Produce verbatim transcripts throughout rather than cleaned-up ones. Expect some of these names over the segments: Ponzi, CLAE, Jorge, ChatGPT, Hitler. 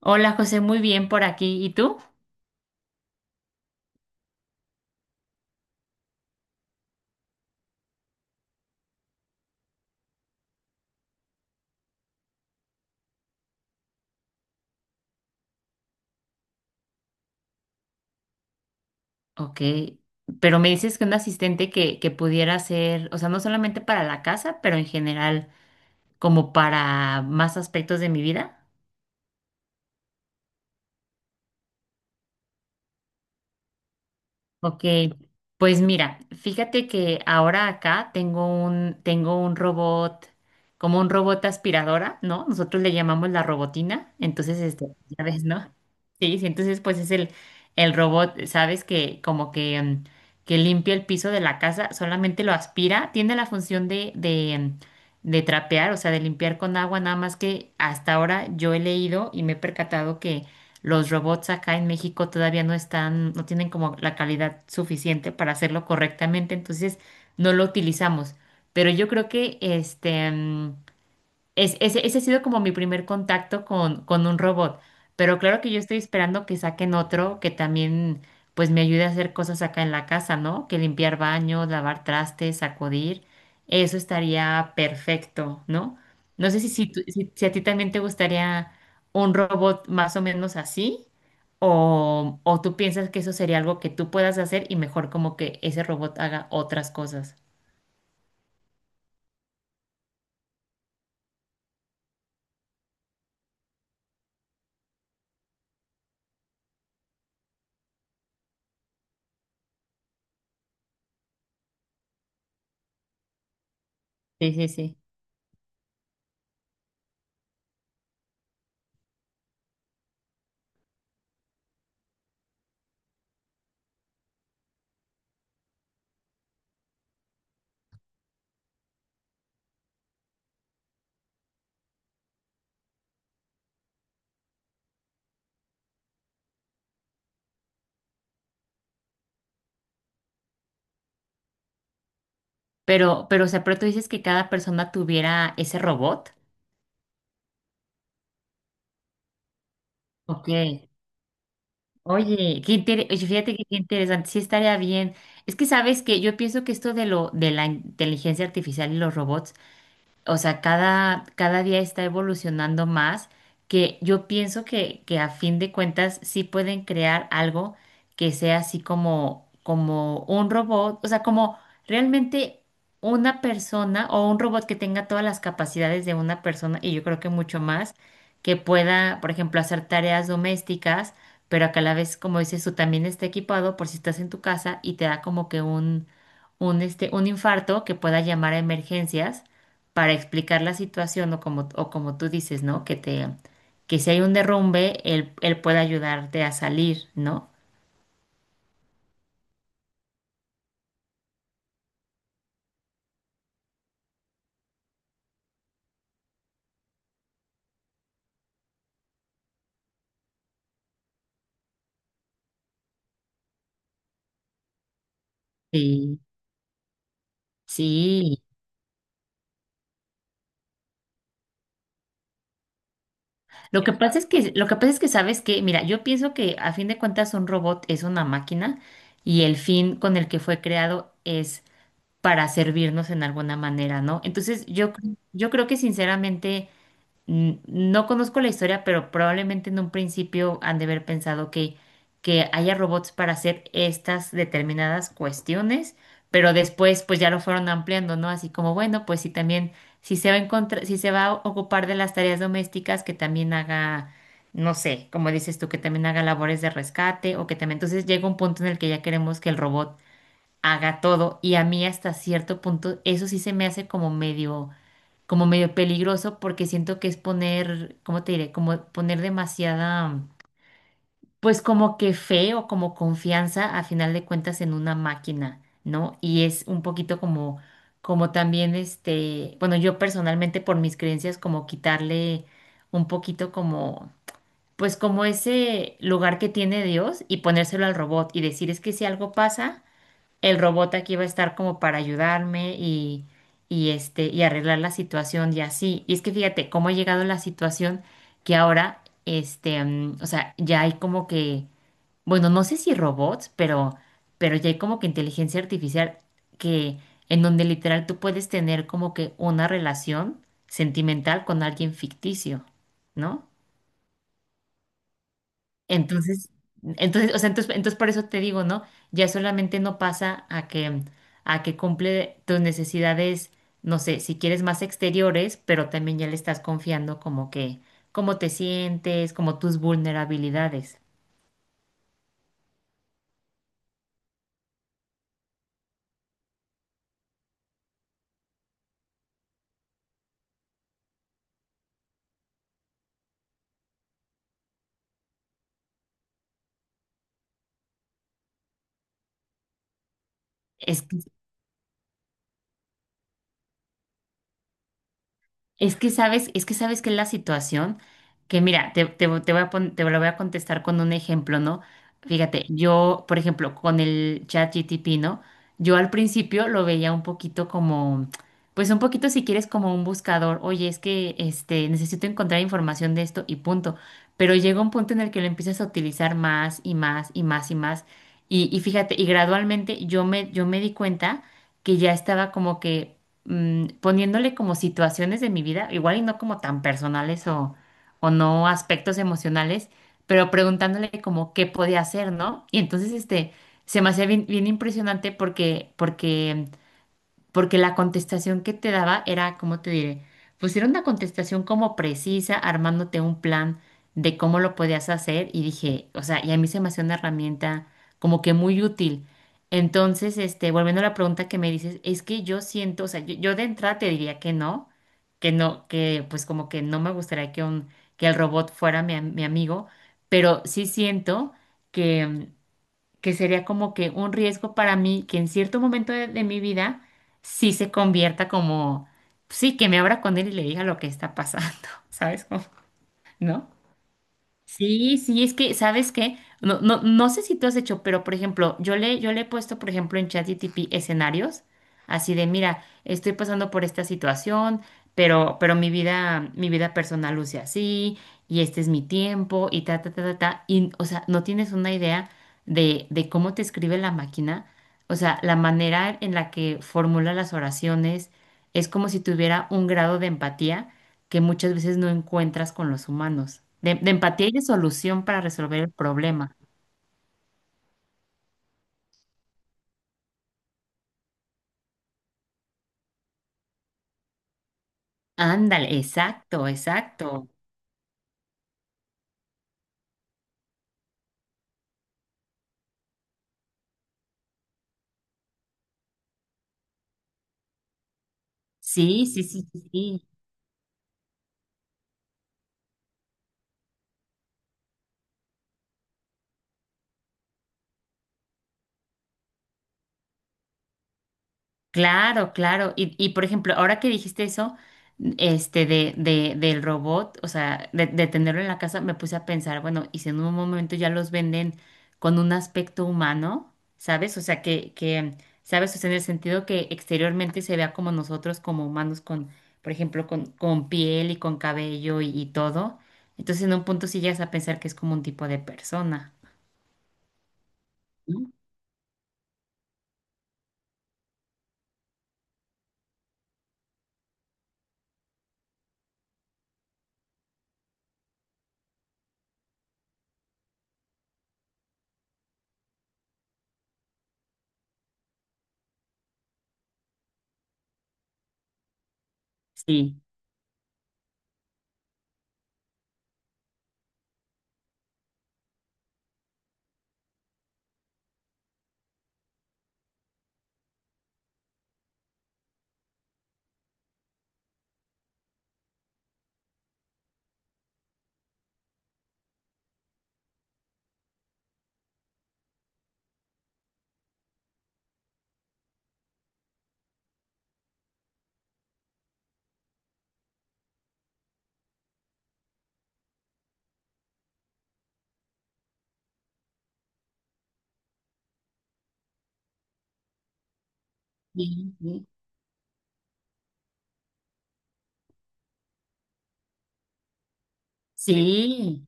Hola José, muy bien por aquí. ¿Y tú? Ok, pero me dices que un asistente que, que pudiera ser, o sea, no solamente para la casa, pero en general como para más aspectos de mi vida. Ok, pues mira, fíjate que ahora acá tengo un, tengo un robot, como un robot aspiradora, ¿no? Nosotros le llamamos la robotina, entonces, este, ya ves, ¿no? Sí, sí, entonces pues es el, el robot, ¿sabes? Que como que, mm, que limpia el piso de la casa, solamente lo aspira, tiene la función de, de, mm, de trapear, o sea, de limpiar con agua, nada más que hasta ahora yo he leído y me he percatado los robots acá en México todavía no están, no tienen como la calidad suficiente para hacerlo correctamente, entonces no lo utilizamos. Pero yo creo que este mm, es- ese, ese ha sido como mi primer contacto con, con un robot, pero claro que yo estoy esperando que saquen otro que también pues me ayude a hacer cosas acá en la casa, ¿no? Que limpiar baños, lavar trastes, sacudir, eso estaría perfecto, ¿no? No sé si, si, tú- si, si, a ti también te gustaría un robot más o menos así, o, o tú piensas que eso sería algo que tú puedas hacer y mejor como que ese robot haga otras cosas. Sí, sí, sí. Pero, pero, o sea, pero tú dices que cada persona tuviera ese robot. Ok. Oye, qué inter- oye, fíjate que qué interesante, sí estaría bien. Es que sabes que yo pienso que esto de lo de la inteligencia artificial y los robots, o sea, cada, cada día está evolucionando más, que yo pienso que, que a fin de cuentas sí pueden crear algo que sea así como, como un robot, o sea, como realmente una persona o un robot que tenga todas las capacidades de una persona y yo creo que mucho más, que pueda, por ejemplo, hacer tareas domésticas pero a que a la vez, como dices tú, también está equipado por si estás en tu casa y te da como que un, un, este, un infarto que pueda llamar a emergencias para explicar la situación o como, o como tú dices, ¿no? Que te, que si hay un derrumbe, él, él pueda ayudarte a salir, ¿no? Sí, sí. Lo que pasa es que, lo que pasa es que sabes que, mira, yo pienso que a fin de cuentas un robot es una máquina y el fin con el que fue creado es para servirnos en alguna manera, ¿no? Entonces, yo, cre- yo creo que sinceramente, mm, no conozco la historia, pero probablemente en un principio han de haber pensado que, que haya robots para hacer estas determinadas cuestiones, pero después pues ya lo fueron ampliando, ¿no? Así como, bueno, pues si también, si se va a encontrar, si se va a ocupar de las tareas domésticas, que también haga, no sé, como dices tú, que también haga labores de rescate o que también, entonces llega un punto en el que ya queremos que el robot haga todo. Y a mí hasta cierto punto eso sí se me hace como medio, como medio peligroso porque siento que es poner, ¿cómo te diré? Como poner demasiada, pues como que fe o como confianza a final de cuentas en una máquina, ¿no? Y es un poquito como, como también este, bueno, yo personalmente por mis creencias como quitarle un poquito como... Pues como ese lugar que tiene Dios y ponérselo al robot y decir es que si algo pasa, el robot aquí va a estar como para ayudarme y, y este, y arreglar la situación y así. Y es que fíjate cómo ha llegado la situación que ahora, este, mm, o sea, ya hay como que, bueno, no sé si robots, pero, pero ya hay como que inteligencia artificial que, en donde literal tú puedes tener como que una relación sentimental con alguien ficticio, ¿no? Entonces, entonces, o sea, entonces, entonces por eso te digo, ¿no? Ya solamente no pasa a que, a que cumple tus necesidades, no sé, si quieres más exteriores, pero también ya le estás confiando como que, cómo te sientes, como tus vulnerabilidades. Es que Es que sabes, es que sabes que es la situación que mira, te, te, te voy a pon- te lo voy a contestar con un ejemplo, ¿no? Fíjate, yo, por ejemplo, con el chat G T P, ¿no? Yo al principio lo veía un poquito como, pues un poquito si quieres como un buscador, oye, es que este, necesito encontrar información de esto y punto. Pero llega un punto en el que lo empiezas a utilizar más y más y más y más. Y, y fíjate, y gradualmente yo me, yo me di cuenta que ya estaba como que mm, poniéndole como situaciones de mi vida, igual y no como tan personales o, o no aspectos emocionales, pero preguntándole como qué podía hacer, ¿no? Y entonces, este, se me hacía bien, bien impresionante porque, porque porque la contestación que te daba era, ¿cómo te diré? Pues era una contestación como precisa, armándote un plan de cómo lo podías hacer y dije, o sea, y a mí se me hacía una herramienta como que muy útil. Entonces, este, volviendo a la pregunta que me dices, es que yo siento, o sea, yo, yo de entrada te diría que no, que no, que pues como que no me gustaría que un, que el robot fuera mi, am- mi amigo, pero sí siento que sería como que un riesgo para mí que en cierto momento de, de mi vida sí se convierta como, sí, que me abra con él y le diga lo que está pasando, ¿sabes? Como, ¿no? Sí, sí, es que, ¿sabes qué? No, no, no sé si tú has hecho, pero por ejemplo, yo le, yo le he puesto, por ejemplo, en ChatGPT escenarios, así de, mira, estoy pasando por esta situación, pero, pero mi vida, mi vida personal luce así, y este es mi tiempo, y ta, ta, ta, ta, ta. Y, o sea, no tienes una idea de, de cómo te escribe la máquina, o sea, la manera en la que formula las oraciones, es como si tuviera un grado de empatía que muchas veces no encuentras con los humanos, de, de empatía y de solución para resolver el problema. Ándale, exacto, exacto. Sí, sí, sí, sí. Sí. Claro, claro. Y, y por ejemplo, ahora que dijiste eso, este, de, de, del robot, o sea, de, de tenerlo en la casa, me puse a pensar, bueno, y si en un momento ya los venden con un aspecto humano, ¿sabes? O sea, que, que, ¿sabes? O sea, en el sentido que exteriormente se vea como nosotros, como humanos, con, por ejemplo, con, con piel y con cabello y, y todo. Entonces, en un punto sí llegas a pensar que es como un tipo de persona. ¿No? Sí. Sí. Sí. Sí.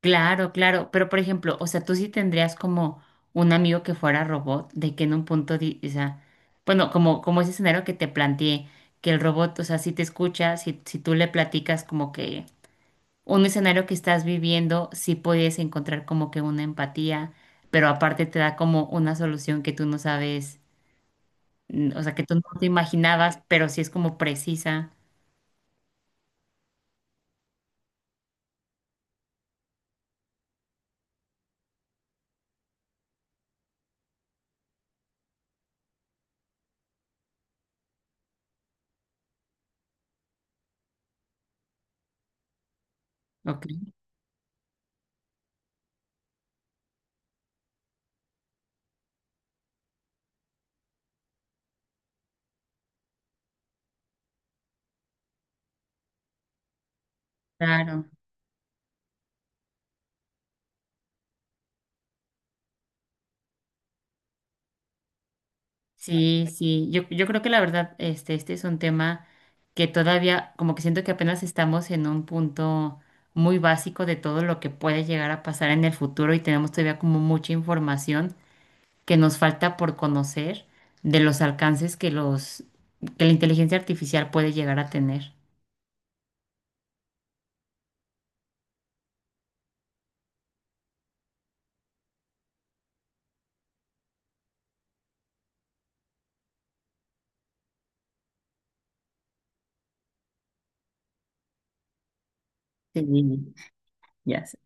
Claro, claro, pero por ejemplo, o sea, tú sí tendrías como un amigo que fuera robot, de que en un punto, di- o sea, bueno, como, como ese escenario que te planteé, que el robot, o sea, si te escucha, si, si tú le platicas como que un escenario que estás viviendo, sí puedes encontrar como que una empatía, pero aparte te da como una solución que tú no sabes, mm, o sea, que tú no te imaginabas, pero sí es como precisa. Ok, claro. Sí, sí, yo, yo creo que la verdad, este, este es un tema que todavía, como que siento que apenas estamos en un punto muy básico de todo lo que puede llegar a pasar en el futuro y tenemos todavía como mucha información que nos falta por conocer de los alcances que los, que la inteligencia artificial puede llegar a tener. Sí, ya sé.